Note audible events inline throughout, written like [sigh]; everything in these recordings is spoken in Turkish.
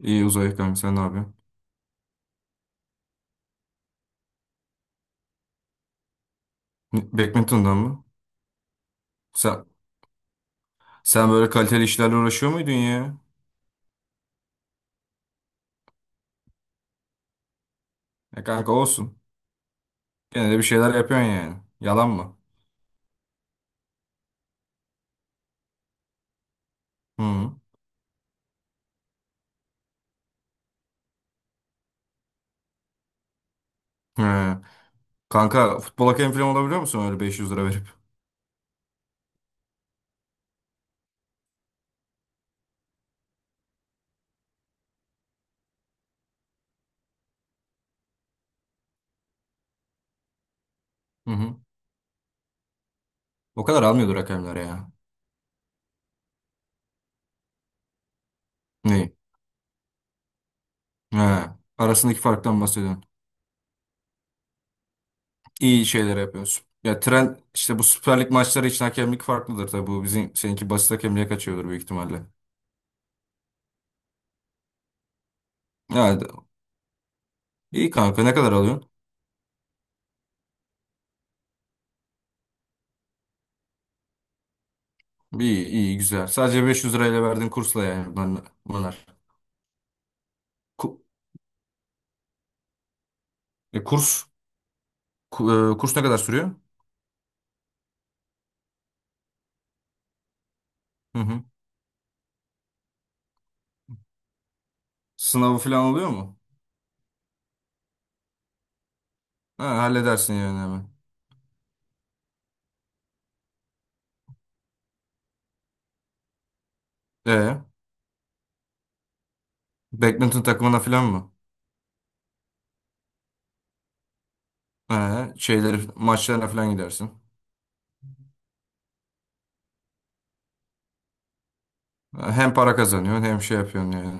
İyi uzay ekonomi sen ne yapıyorsun? Badminton'dan mı? Sen, sen böyle kaliteli işlerle uğraşıyor muydun ya? Ya kanka olsun. Gene de bir şeyler yapıyorsun yani. Yalan mı? Hı. He. Kanka futbol hakemi falan olabiliyor musun öyle 500 lira verip? Hı hı. O kadar almıyordur hakemler ya. Ne? He. Arasındaki farktan bahsediyorsun. İyi şeyler yapıyorsun. Ya tren işte bu Süper Lig maçları için hakemlik farklıdır tabii. Bu bizim seninki basit hakemliğe kaçıyordur büyük ihtimalle. Yani iyi kanka ne kadar alıyorsun? İyi, iyi, güzel. Sadece 500 lirayla verdiğim kursla yani bunlar. Ku- e, kurs, Kurs ne kadar sürüyor? Hı hı. Sınavı falan oluyor mu? Ha, halledersin yani hemen. E, badminton takımına falan mı? Ha, şeyleri, maçlarına falan gidersin. Ha, hem para kazanıyorsun hem şey yapıyorsun yani.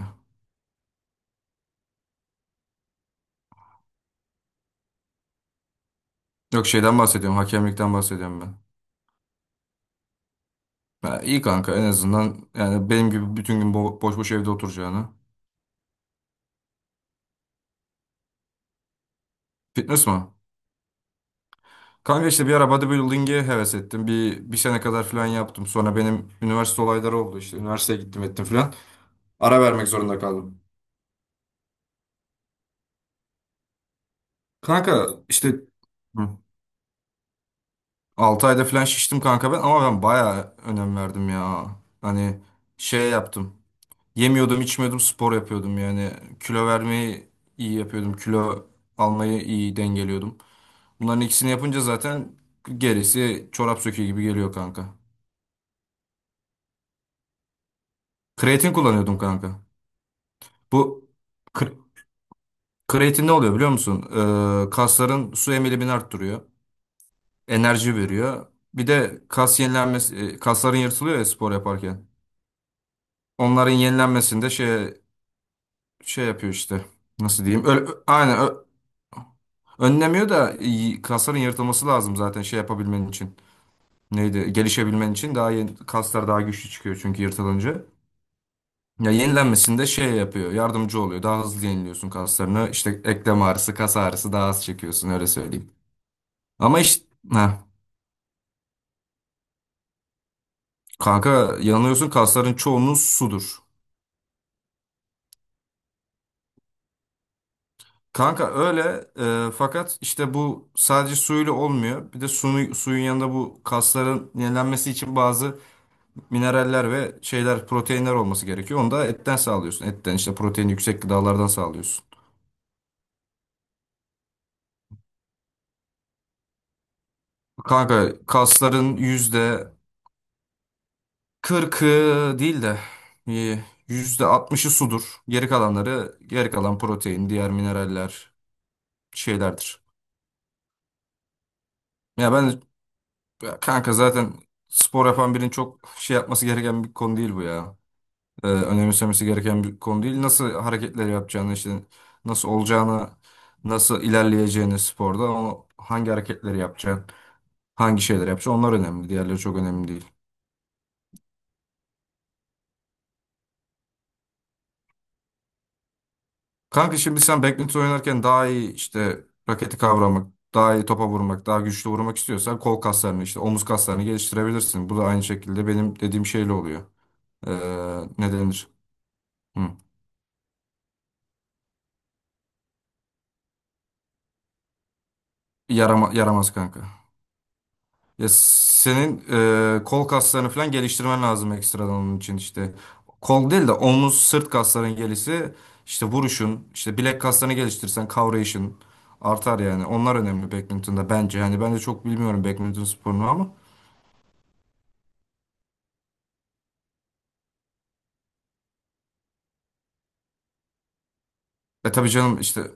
Yok şeyden bahsediyorum, hakemlikten bahsediyorum ben. Ha, iyi kanka en azından yani benim gibi bütün gün boş boş evde oturacağına. Fitness mi? Kanka işte bir ara bodybuilding'e heves ettim. Bir sene kadar falan yaptım. Sonra benim üniversite olayları oldu işte. Üniversiteye gittim ettim falan. Ara vermek zorunda kaldım. Kanka işte. Hı. Ayda falan şiştim kanka ben, ama ben bayağı önem verdim ya. Hani şey yaptım. Yemiyordum, içmiyordum, spor yapıyordum yani. Kilo vermeyi iyi yapıyordum. Kilo almayı iyi dengeliyordum. Bunların ikisini yapınca zaten gerisi çorap söküğü gibi geliyor kanka. Kreatin kullanıyordum kanka. Bu kreatin ne oluyor biliyor musun? Kasların su emilimini arttırıyor. Enerji veriyor. Bir de kas yenilenmesi, kasların yırtılıyor ya spor yaparken. Onların yenilenmesinde şey yapıyor işte. Nasıl diyeyim? Aynen önlemiyor da kasların yırtılması lazım zaten şey yapabilmen için. Neydi? Gelişebilmen için daha yeni, kaslar daha güçlü çıkıyor çünkü yırtılınca. Ya yenilenmesinde şey yapıyor, yardımcı oluyor. Daha hızlı yeniliyorsun kaslarını. İşte eklem ağrısı, kas ağrısı daha az çekiyorsun öyle söyleyeyim. Ama işte. Kanka yanılıyorsun, kasların çoğunluğu sudur. Kanka öyle, fakat işte bu sadece suyla olmuyor. Bir de suyu, suyun yanında bu kasların yenilenmesi için bazı mineraller ve şeyler, proteinler olması gerekiyor. Onu da etten sağlıyorsun. Etten, işte protein yüksek gıdalardan sağlıyorsun. Kanka kasların %40'ı değil de, e, %60'ı sudur. Geri kalanları, geri kalan protein, diğer mineraller şeylerdir. Ya ben. Ya kanka zaten spor yapan birinin çok şey yapması gereken bir konu değil bu ya. Önemsemesi gereken bir konu değil. Nasıl hareketler yapacağını, işte nasıl olacağını, nasıl ilerleyeceğini sporda, o hangi hareketleri yapacaksın, hangi şeyler yapacaksın, onlar önemli. Diğerleri çok önemli değil. Kanka şimdi sen badminton oynarken daha iyi işte raketi kavramak, daha iyi topa vurmak, daha güçlü vurmak istiyorsan kol kaslarını, işte omuz kaslarını geliştirebilirsin. Bu da aynı şekilde benim dediğim şeyle oluyor. Ee, Ne denir? Hı. Yaramaz kanka. Ya senin kol kaslarını falan geliştirmen lazım ekstradan onun için işte. Kol değil de omuz, sırt kasların gelişi, işte vuruşun, işte bilek kaslarını geliştirirsen kavrayışın artar yani. Onlar önemli badminton'da bence. Yani ben de çok bilmiyorum badminton sporunu ama. E tabii canım, işte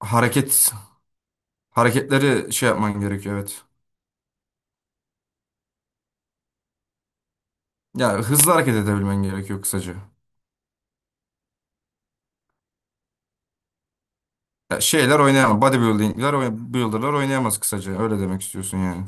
hareket hareketleri şey yapman gerekiyor, evet. Ya hızlı hareket edebilmen gerekiyor kısaca. Ya şeyler oynayamaz. Bodybuilding'ler, builder'lar oynayamaz kısaca. Öyle demek istiyorsun yani.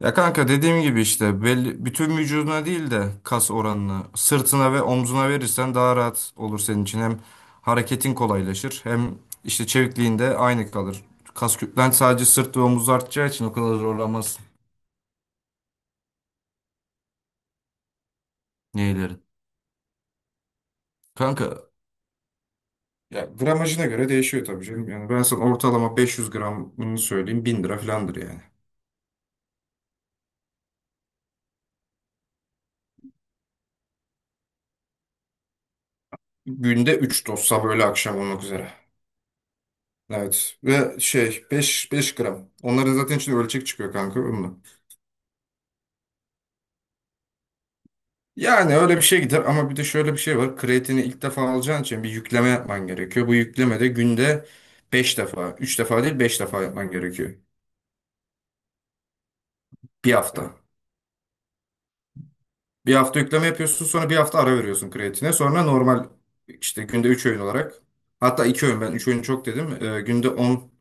Ya kanka dediğim gibi işte belli, bütün vücuduna değil de kas oranını sırtına ve omzuna verirsen daha rahat olur senin için. Hem hareketin kolaylaşır, hem işte çevikliğin de aynı kalır. Kas kütlen sadece sırt ve omuz artacağı için o kadar zorlanmazsın. Neylerin? Kanka ya gramajına göre değişiyor tabii canım. Yani ben sana ortalama 500 gramını söyleyeyim, 1000 lira falandır yani. Günde 3 doz, sabah öğle akşam olmak üzere. Evet, ve şey 5 5 gram. Onların zaten içinde ölçek çıkıyor kanka. Onunla. Yani öyle bir şey gider, ama bir de şöyle bir şey var. Kreatini ilk defa alacağın için bir yükleme yapman gerekiyor. Bu yüklemede günde 5 defa, 3 defa değil 5 defa yapman gerekiyor. Bir hafta. Bir hafta yükleme yapıyorsun, sonra bir hafta ara veriyorsun kreatine. Sonra normal işte günde 3 öğün olarak, hatta 2 öğün, ben 3 öğün çok dedim. Günde on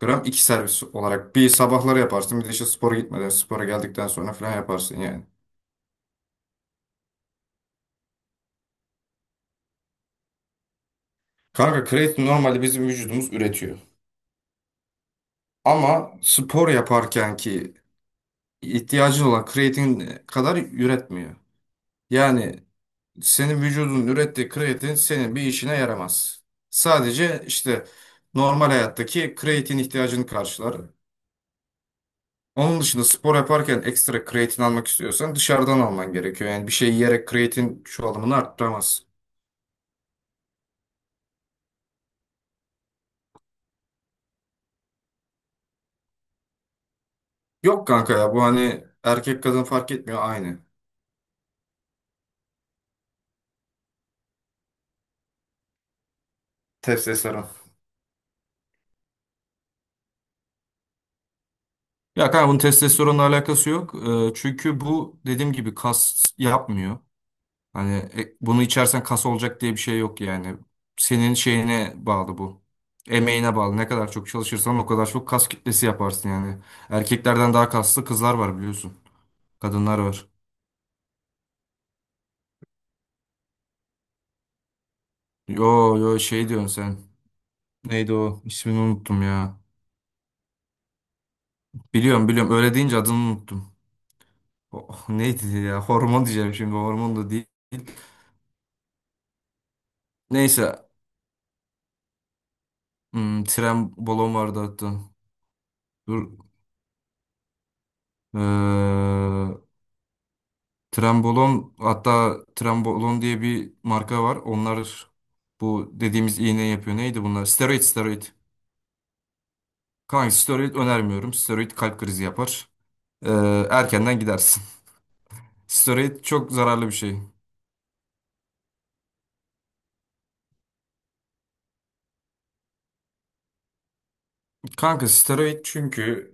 gram 2 servis olarak, bir sabahları yaparsın, bir de işte spora gitmeden, spora geldikten sonra falan yaparsın yani. Kanka kreatin normalde bizim vücudumuz üretiyor. Ama spor yaparken ki ihtiyacın olan kreatin kadar üretmiyor. Yani senin vücudun ürettiği kreatin senin bir işine yaramaz. Sadece işte normal hayattaki kreatin ihtiyacını karşılar. Onun dışında spor yaparken ekstra kreatin almak istiyorsan dışarıdan alman gerekiyor. Yani bir şey yiyerek kreatin çoğalımını arttıramaz. Yok kanka ya, bu hani erkek kadın fark etmiyor, aynı. Testosteron. Ya kanka bunun testosteronla alakası yok. Çünkü bu dediğim gibi kas yapmıyor. Hani bunu içersen kas olacak diye bir şey yok yani. Senin şeyine bağlı bu. Emeğine bağlı. Ne kadar çok çalışırsan o kadar çok kas kitlesi yaparsın yani. Erkeklerden daha kaslı kızlar var, biliyorsun. Kadınlar var. Yo yo, şey diyorsun sen. Neydi o? İsmini unuttum ya. Biliyorum biliyorum. Öyle deyince adını unuttum. Oh, neydi ya? Hormon diyeceğim şimdi. Hormon da değil. Neyse. Tren balon vardı hatta. Dur. Ee, Trenbolon, hatta Trenbolon diye bir marka var. Onlar bu dediğimiz iğne yapıyor. Neydi bunlar? Steroid, steroid. Kanka steroid önermiyorum. Steroid kalp krizi yapar. Ee, Erkenden gidersin. [laughs] Steroid çok zararlı bir şey. Kanka steroid çünkü,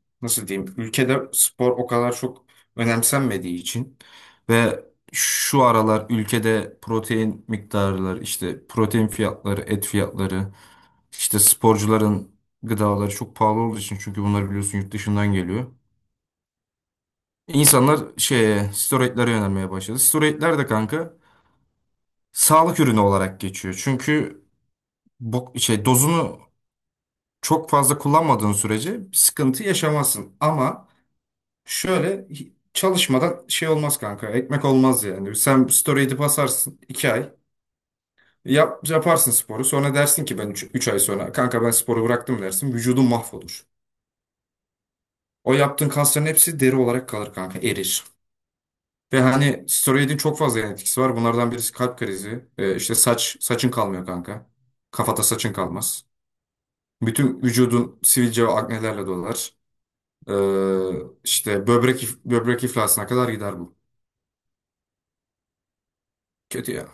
nasıl diyeyim, ülkede spor o kadar çok önemsenmediği için, ve şu aralar ülkede protein miktarları, işte protein fiyatları, et fiyatları, işte sporcuların gıdaları çok pahalı olduğu için, çünkü bunlar biliyorsun yurt dışından geliyor. İnsanlar şeye, steroidlere yönelmeye başladı. Steroidler de kanka sağlık ürünü olarak geçiyor. Çünkü bu şey dozunu çok fazla kullanmadığın sürece bir sıkıntı yaşamazsın ama. Şöyle çalışmadan şey olmaz kanka. Ekmek olmaz yani. Sen story edip asarsın 2 ay. Yap, yaparsın sporu. Sonra dersin ki, ben 3 ay sonra kanka ben sporu bıraktım dersin. Vücudun mahvolur. O yaptığın kasların hepsi deri olarak kalır kanka. Erir. Ve hani steroidin çok fazla yan etkisi var. Bunlardan birisi kalp krizi. İşte saçın kalmıyor kanka. Kafada saçın kalmaz. Bütün vücudun sivilce ve aknelerle dolar. İşte böbrek böbrek iflasına kadar gider bu. Kötü ya.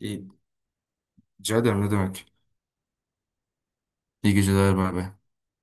İyi. Rica ederim, ne demek. İyi geceler, bay bay.